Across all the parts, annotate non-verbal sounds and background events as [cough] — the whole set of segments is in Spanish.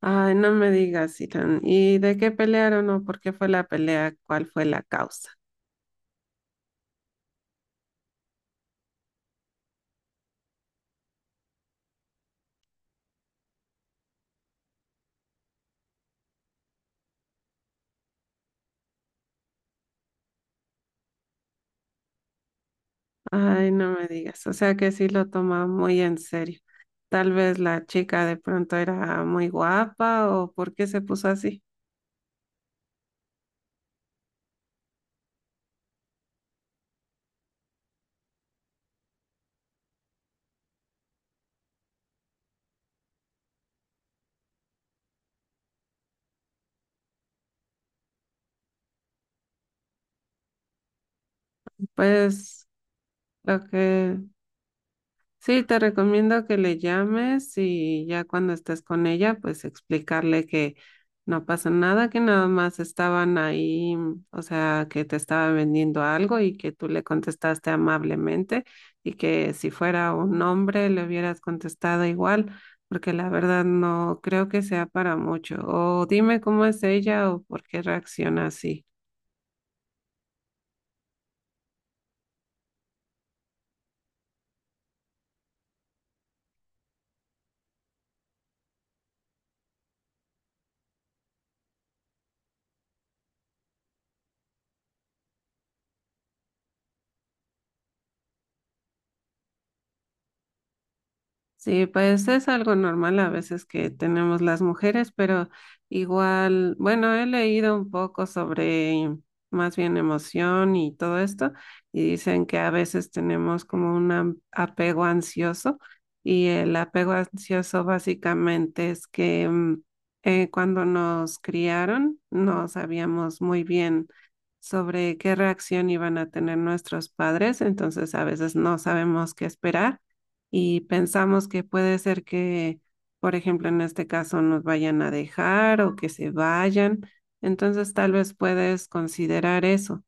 Ay, no me digas, Ethan. ¿Y de qué pelearon o por qué fue la pelea? ¿Cuál fue la causa? Ay, no me digas. O sea que sí lo toma muy en serio. Tal vez la chica de pronto era muy guapa o por qué se puso así. Pues lo que Sí, te recomiendo que le llames y ya cuando estés con ella, pues explicarle que no pasa nada, que nada más estaban ahí, o sea, que te estaba vendiendo algo y que tú le contestaste amablemente y que si fuera un hombre le hubieras contestado igual, porque la verdad no creo que sea para mucho. O dime cómo es ella o por qué reacciona así. Sí, pues es algo normal a veces que tenemos las mujeres, pero igual, bueno, he leído un poco sobre más bien emoción y todo esto, y dicen que a veces tenemos como un apego ansioso, y el apego ansioso básicamente es que cuando nos criaron no sabíamos muy bien sobre qué reacción iban a tener nuestros padres, entonces a veces no sabemos qué esperar y pensamos que puede ser que, por ejemplo, en este caso nos vayan a dejar o que se vayan. Entonces, tal vez puedes considerar eso.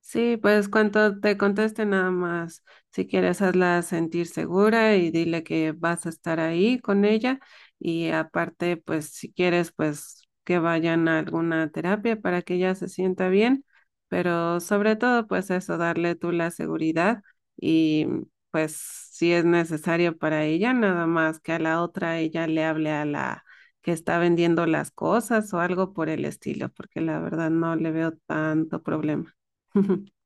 Sí, pues cuando te conteste nada más, si quieres hazla sentir segura y dile que vas a estar ahí con ella y aparte, pues si quieres, pues que vayan a alguna terapia para que ella se sienta bien, pero sobre todo, pues eso, darle tú la seguridad y pues si es necesario para ella, nada más que a la otra ella le hable a la que está vendiendo las cosas o algo por el estilo, porque la verdad no le veo tanto problema. [laughs]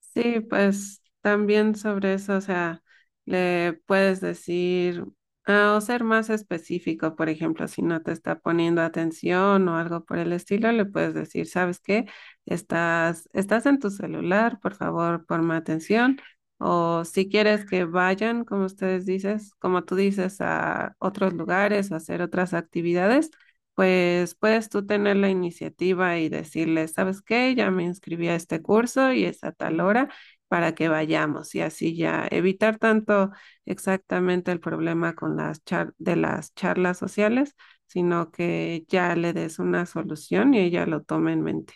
Sí, pues también sobre eso, o sea, le puedes decir ah, o ser más específico, por ejemplo, si no te está poniendo atención o algo por el estilo, le puedes decir, ¿sabes qué? Estás en tu celular, por favor, ponme atención. O si quieres que vayan, como ustedes dices, como tú dices, a otros lugares, a hacer otras actividades pues puedes tú tener la iniciativa y decirle, ¿sabes qué? Ya me inscribí a este curso y es a tal hora para que vayamos y así ya evitar tanto exactamente el problema con las de las charlas sociales, sino que ya le des una solución y ella lo tome en mente.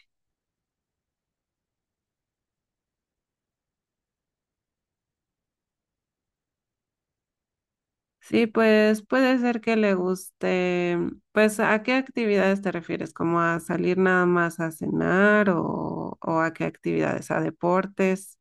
Sí, pues puede ser que le guste. Pues, ¿a qué actividades te refieres? ¿Como a salir nada más a cenar o a qué actividades? ¿A deportes?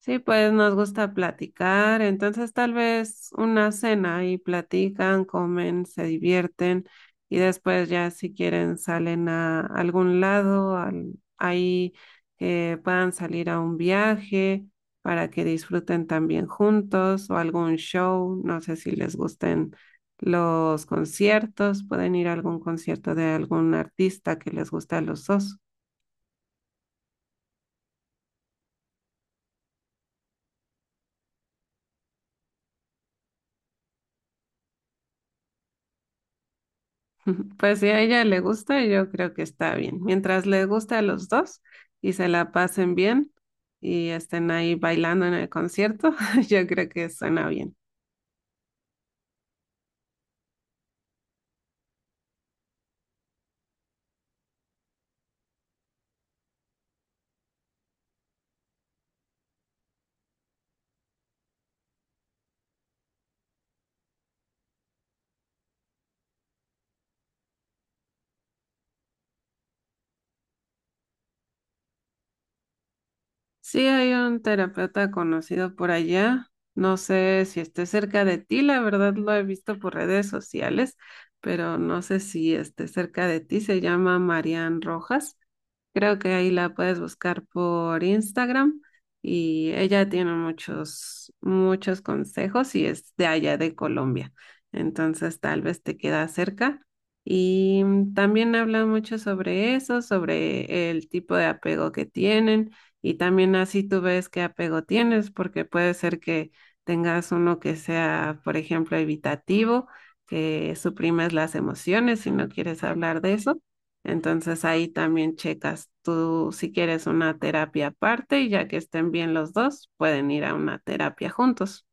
Sí, pues nos gusta platicar, entonces tal vez una cena y platican, comen, se divierten y después ya si quieren salen a algún lado, ahí que puedan salir a un viaje para que disfruten también juntos o algún show, no sé si les gusten los conciertos, pueden ir a algún concierto de algún artista que les guste a los dos. [laughs] Pues si a ella le gusta, yo creo que está bien. Mientras le guste a los dos y se la pasen bien y estén ahí bailando en el concierto, [laughs] yo creo que suena bien. Sí, hay un terapeuta conocido por allá. No sé si esté cerca de ti, la verdad lo he visto por redes sociales, pero no sé si esté cerca de ti. Se llama Marian Rojas. Creo que ahí la puedes buscar por Instagram y ella tiene muchos, muchos consejos y es de allá de Colombia. Entonces tal vez te queda cerca. Y también habla mucho sobre eso, sobre el tipo de apego que tienen y también así tú ves qué apego tienes, porque puede ser que tengas uno que sea, por ejemplo, evitativo, que suprimes las emociones y no quieres hablar de eso. Entonces ahí también checas tú si quieres una terapia aparte y ya que estén bien los dos, pueden ir a una terapia juntos.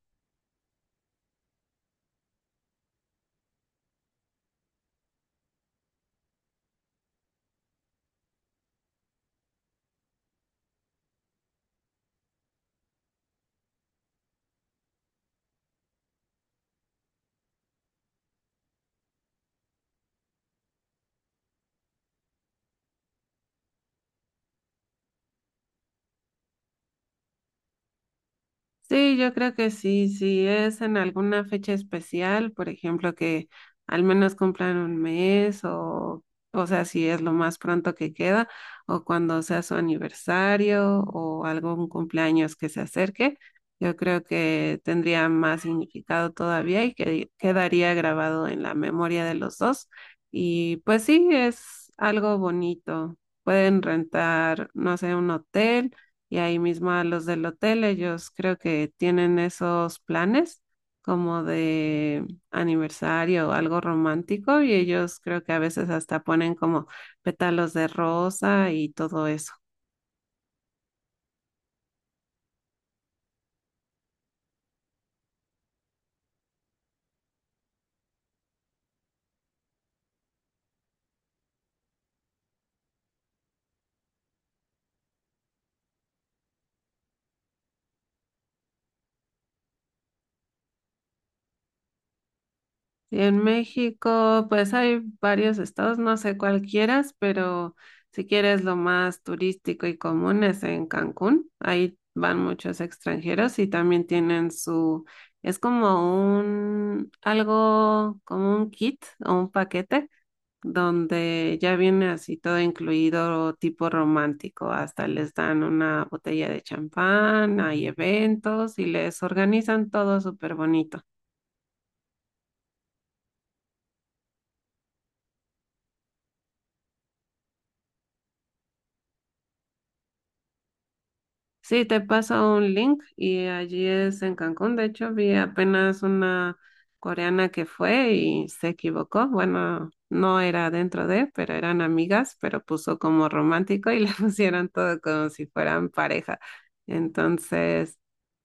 Sí, yo creo que sí, si es en alguna fecha especial, por ejemplo, que al menos cumplan un mes o sea, si es lo más pronto que queda o cuando sea su aniversario o algún cumpleaños que se acerque, yo creo que tendría más significado todavía y que quedaría grabado en la memoria de los dos. Y pues sí, es algo bonito. Pueden rentar, no sé, un hotel y ahí mismo a los del hotel, ellos creo que tienen esos planes como de aniversario o algo romántico y ellos creo que a veces hasta ponen como pétalos de rosa y todo eso. Y en México, pues hay varios estados, no sé cuál quieras, pero si quieres lo más turístico y común es en Cancún. Ahí van muchos extranjeros y también tienen su, es como un, algo, como un kit o un paquete donde ya viene así todo incluido tipo romántico. Hasta les dan una botella de champán, hay eventos y les organizan todo súper bonito. Sí, te paso un link y allí es en Cancún. De hecho, vi apenas una coreana que fue y se equivocó. Bueno, no era dentro de, pero eran amigas, pero puso como romántico y [laughs] le pusieron todo como si fueran pareja. Entonces,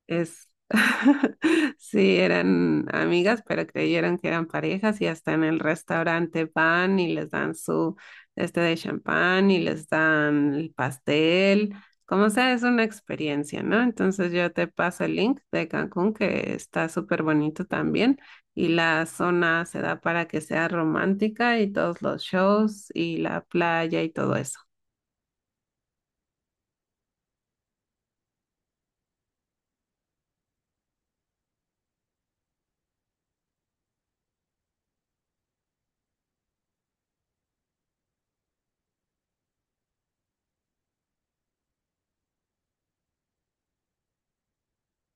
es, [laughs] sí, eran amigas, pero creyeron que eran parejas y hasta en el restaurante van y les dan su este de champán y les dan el pastel. Como sea, es una experiencia, ¿no? Entonces yo te paso el link de Cancún, que está súper bonito también, y la zona se da para que sea romántica y todos los shows y la playa y todo eso.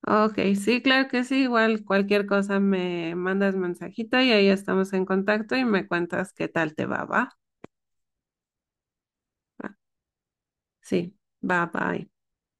Ok, sí, claro que sí, igual cualquier cosa me mandas mensajito y ahí estamos en contacto y me cuentas qué tal te va, ¿va? Ah, sí, bye bye.